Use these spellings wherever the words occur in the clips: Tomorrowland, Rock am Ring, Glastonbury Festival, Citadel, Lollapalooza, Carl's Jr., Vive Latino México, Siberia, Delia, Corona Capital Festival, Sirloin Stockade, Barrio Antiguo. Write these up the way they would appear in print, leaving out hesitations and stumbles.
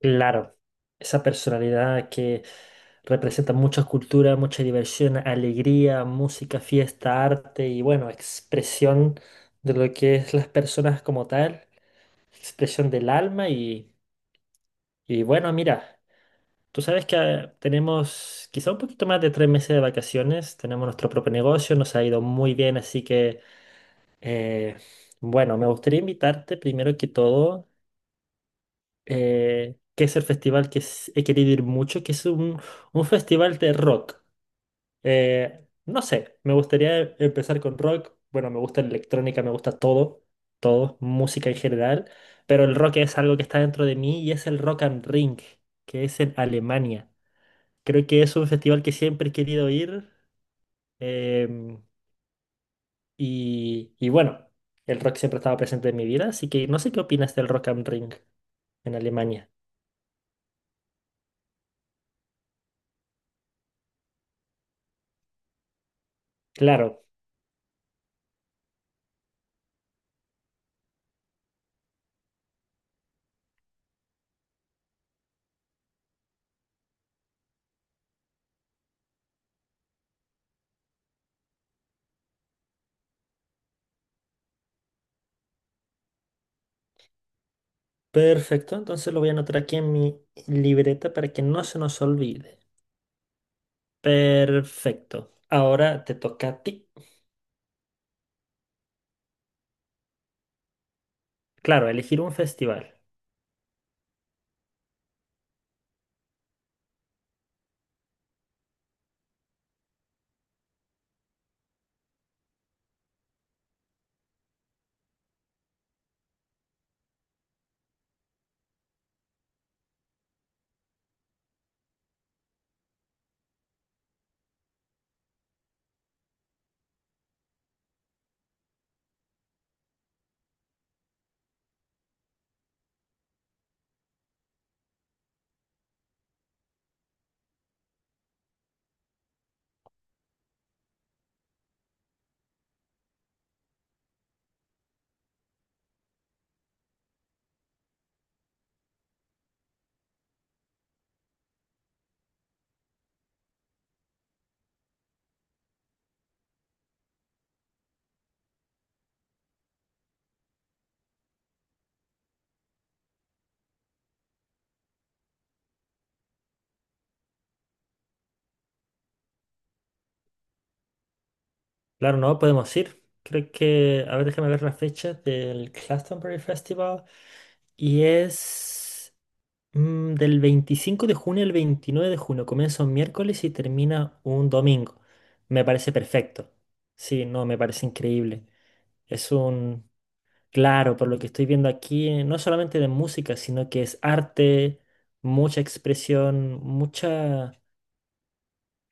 Claro, esa personalidad que representa muchas culturas, mucha diversión, alegría, música, fiesta, arte y bueno, expresión de lo que es las personas como tal, expresión del alma y bueno, mira, tú sabes que tenemos quizá un poquito más de 3 meses de vacaciones, tenemos nuestro propio negocio, nos ha ido muy bien, así que eh, bueno, me gustaría invitarte primero que todo que es el festival que he querido ir mucho, que es un festival de rock. No sé, me gustaría empezar con rock. Bueno, me gusta la electrónica, me gusta todo, música en general, pero el rock es algo que está dentro de mí y es el Rock am Ring, que es en Alemania. Creo que es un festival que siempre he querido ir em, y bueno, el rock siempre estaba presente en mi vida, así que no sé qué opinas del Rock am Ring en Alemania. Claro. Perfecto, entonces lo voy a anotar aquí en mi libreta para que no se nos olvide. Perfecto. Ahora te toca a ti. Claro, elegir un festival. Claro, no podemos ir. Creo que, a ver, déjame ver la fecha del Glastonbury Festival. Y es del 25 de junio al 29 de junio. Comienza un miércoles y termina un domingo. Me parece perfecto. Sí, no, me parece increíble. Es un Claro, por lo que estoy viendo aquí, no solamente de música, sino que es arte, mucha expresión, mucha,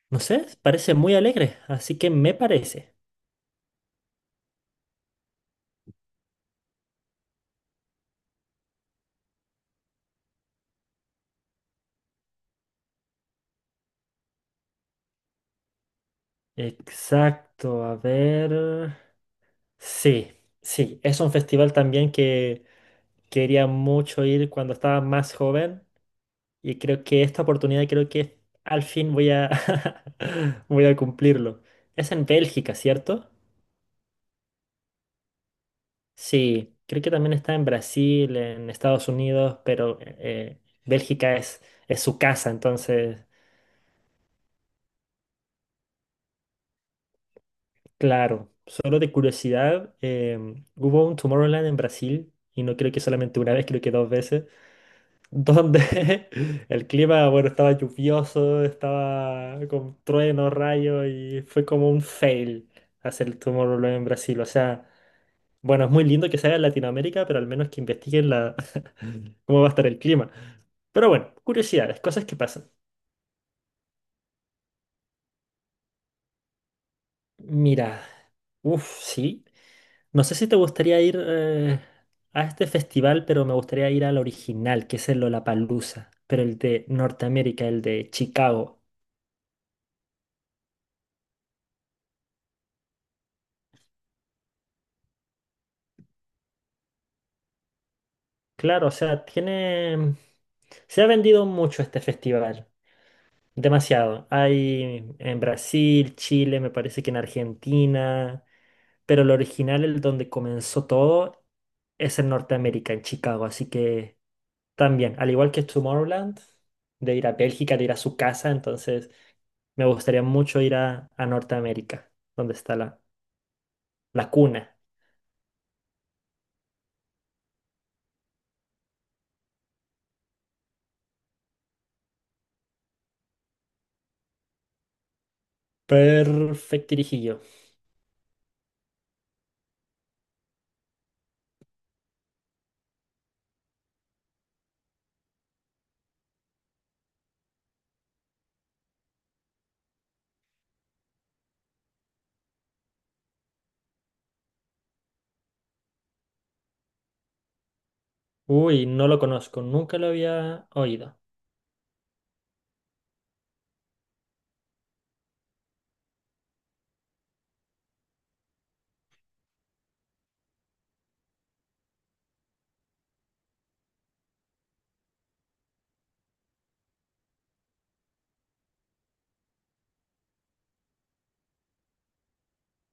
no sé, parece muy alegre, así que me parece. Exacto, a ver. Sí, sí, es un festival también que quería mucho ir cuando estaba más joven y creo que esta oportunidad creo que al fin voy a voy a cumplirlo. Es en Bélgica, ¿cierto? Sí, creo que también está en Brasil, en Estados Unidos, pero Bélgica es su casa, entonces, claro, solo de curiosidad, hubo un Tomorrowland en Brasil, y no creo que solamente una vez, creo que dos veces, donde el clima, bueno, estaba lluvioso, estaba con truenos, rayos, y fue como un fail hacer el Tomorrowland en Brasil. O sea, bueno, es muy lindo que se haga en Latinoamérica, pero al menos que investiguen cómo va a estar el clima. Pero bueno, curiosidades, cosas que pasan. Mira, uff, sí. No sé si te gustaría ir a este festival, pero me gustaría ir al original, que es el Lollapalooza, pero el de Norteamérica, el de Chicago. Claro, o sea, tiene... Se ha vendido mucho este festival. Demasiado. Hay en Brasil, Chile, me parece que en Argentina, pero el original, el donde comenzó todo, es en Norteamérica, en Chicago. Así que también, al igual que Tomorrowland, de ir a Bélgica, de ir a su casa, entonces me gustaría mucho ir a Norteamérica, donde está la, la cuna. Perfectirijillo. Uy, no lo conozco, nunca lo había oído.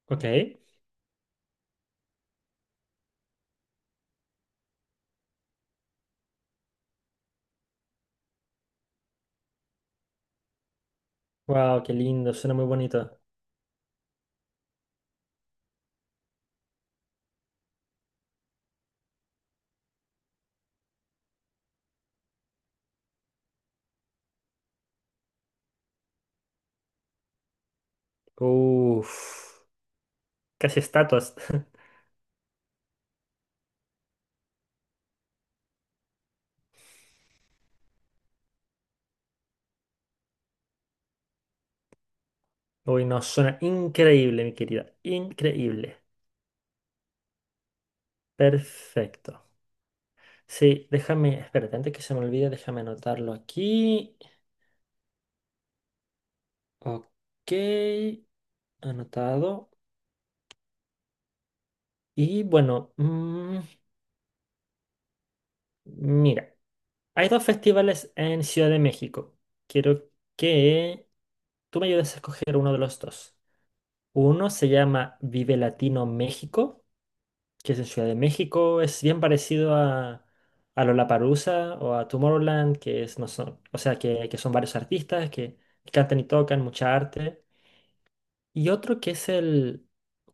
Ok. Wow, qué lindo, suena muy bonito. Uff. Casi estatuas. Uy, no, suena increíble, mi querida. Increíble. Perfecto. Sí, déjame, espérate, antes que se me olvide, déjame anotarlo aquí. Ok, anotado. Y bueno, mira, hay dos festivales en Ciudad de México. Quiero que tú me ayudes a escoger uno de los dos. Uno se llama Vive Latino México que es en Ciudad de México, es bien parecido a Lollapalooza o a Tomorrowland, que es, no son, o sea, que son varios artistas que, cantan y tocan mucha arte. Y otro que es el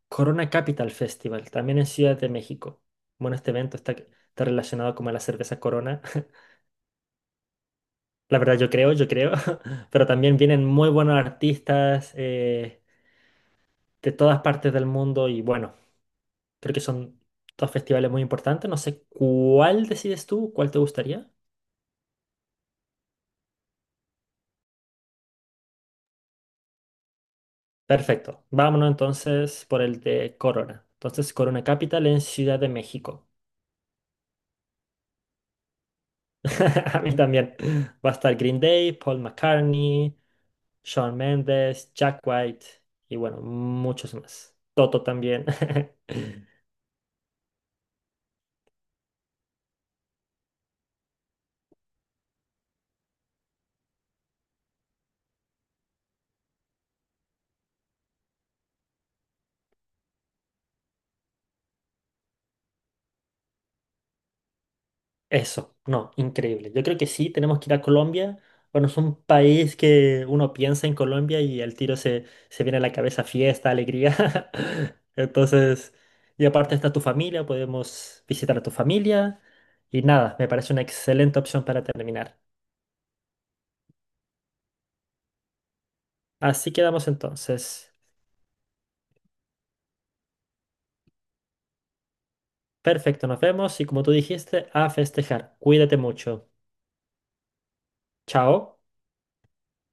Corona Capital Festival, también en Ciudad de México. Bueno, este evento está relacionado como a la cerveza Corona. La verdad, yo creo, yo creo. Pero también vienen muy buenos artistas de todas partes del mundo y bueno, creo que son dos festivales muy importantes. No sé cuál decides tú, cuál te gustaría. Perfecto. Vámonos entonces por el de Corona. Entonces, Corona Capital en Ciudad de México. A mí también. Va a estar Green Day, Paul McCartney, Shawn Mendes, Jack White y bueno, muchos más. Toto también. Eso, no, increíble. Yo creo que sí, tenemos que ir a Colombia. Bueno, es un país que uno piensa en Colombia y al tiro se viene a la cabeza fiesta, alegría. Entonces, y aparte está tu familia, podemos visitar a tu familia. Y nada, me parece una excelente opción para terminar. Así quedamos entonces. Perfecto, nos vemos y como tú dijiste, a festejar. Cuídate mucho. Chao.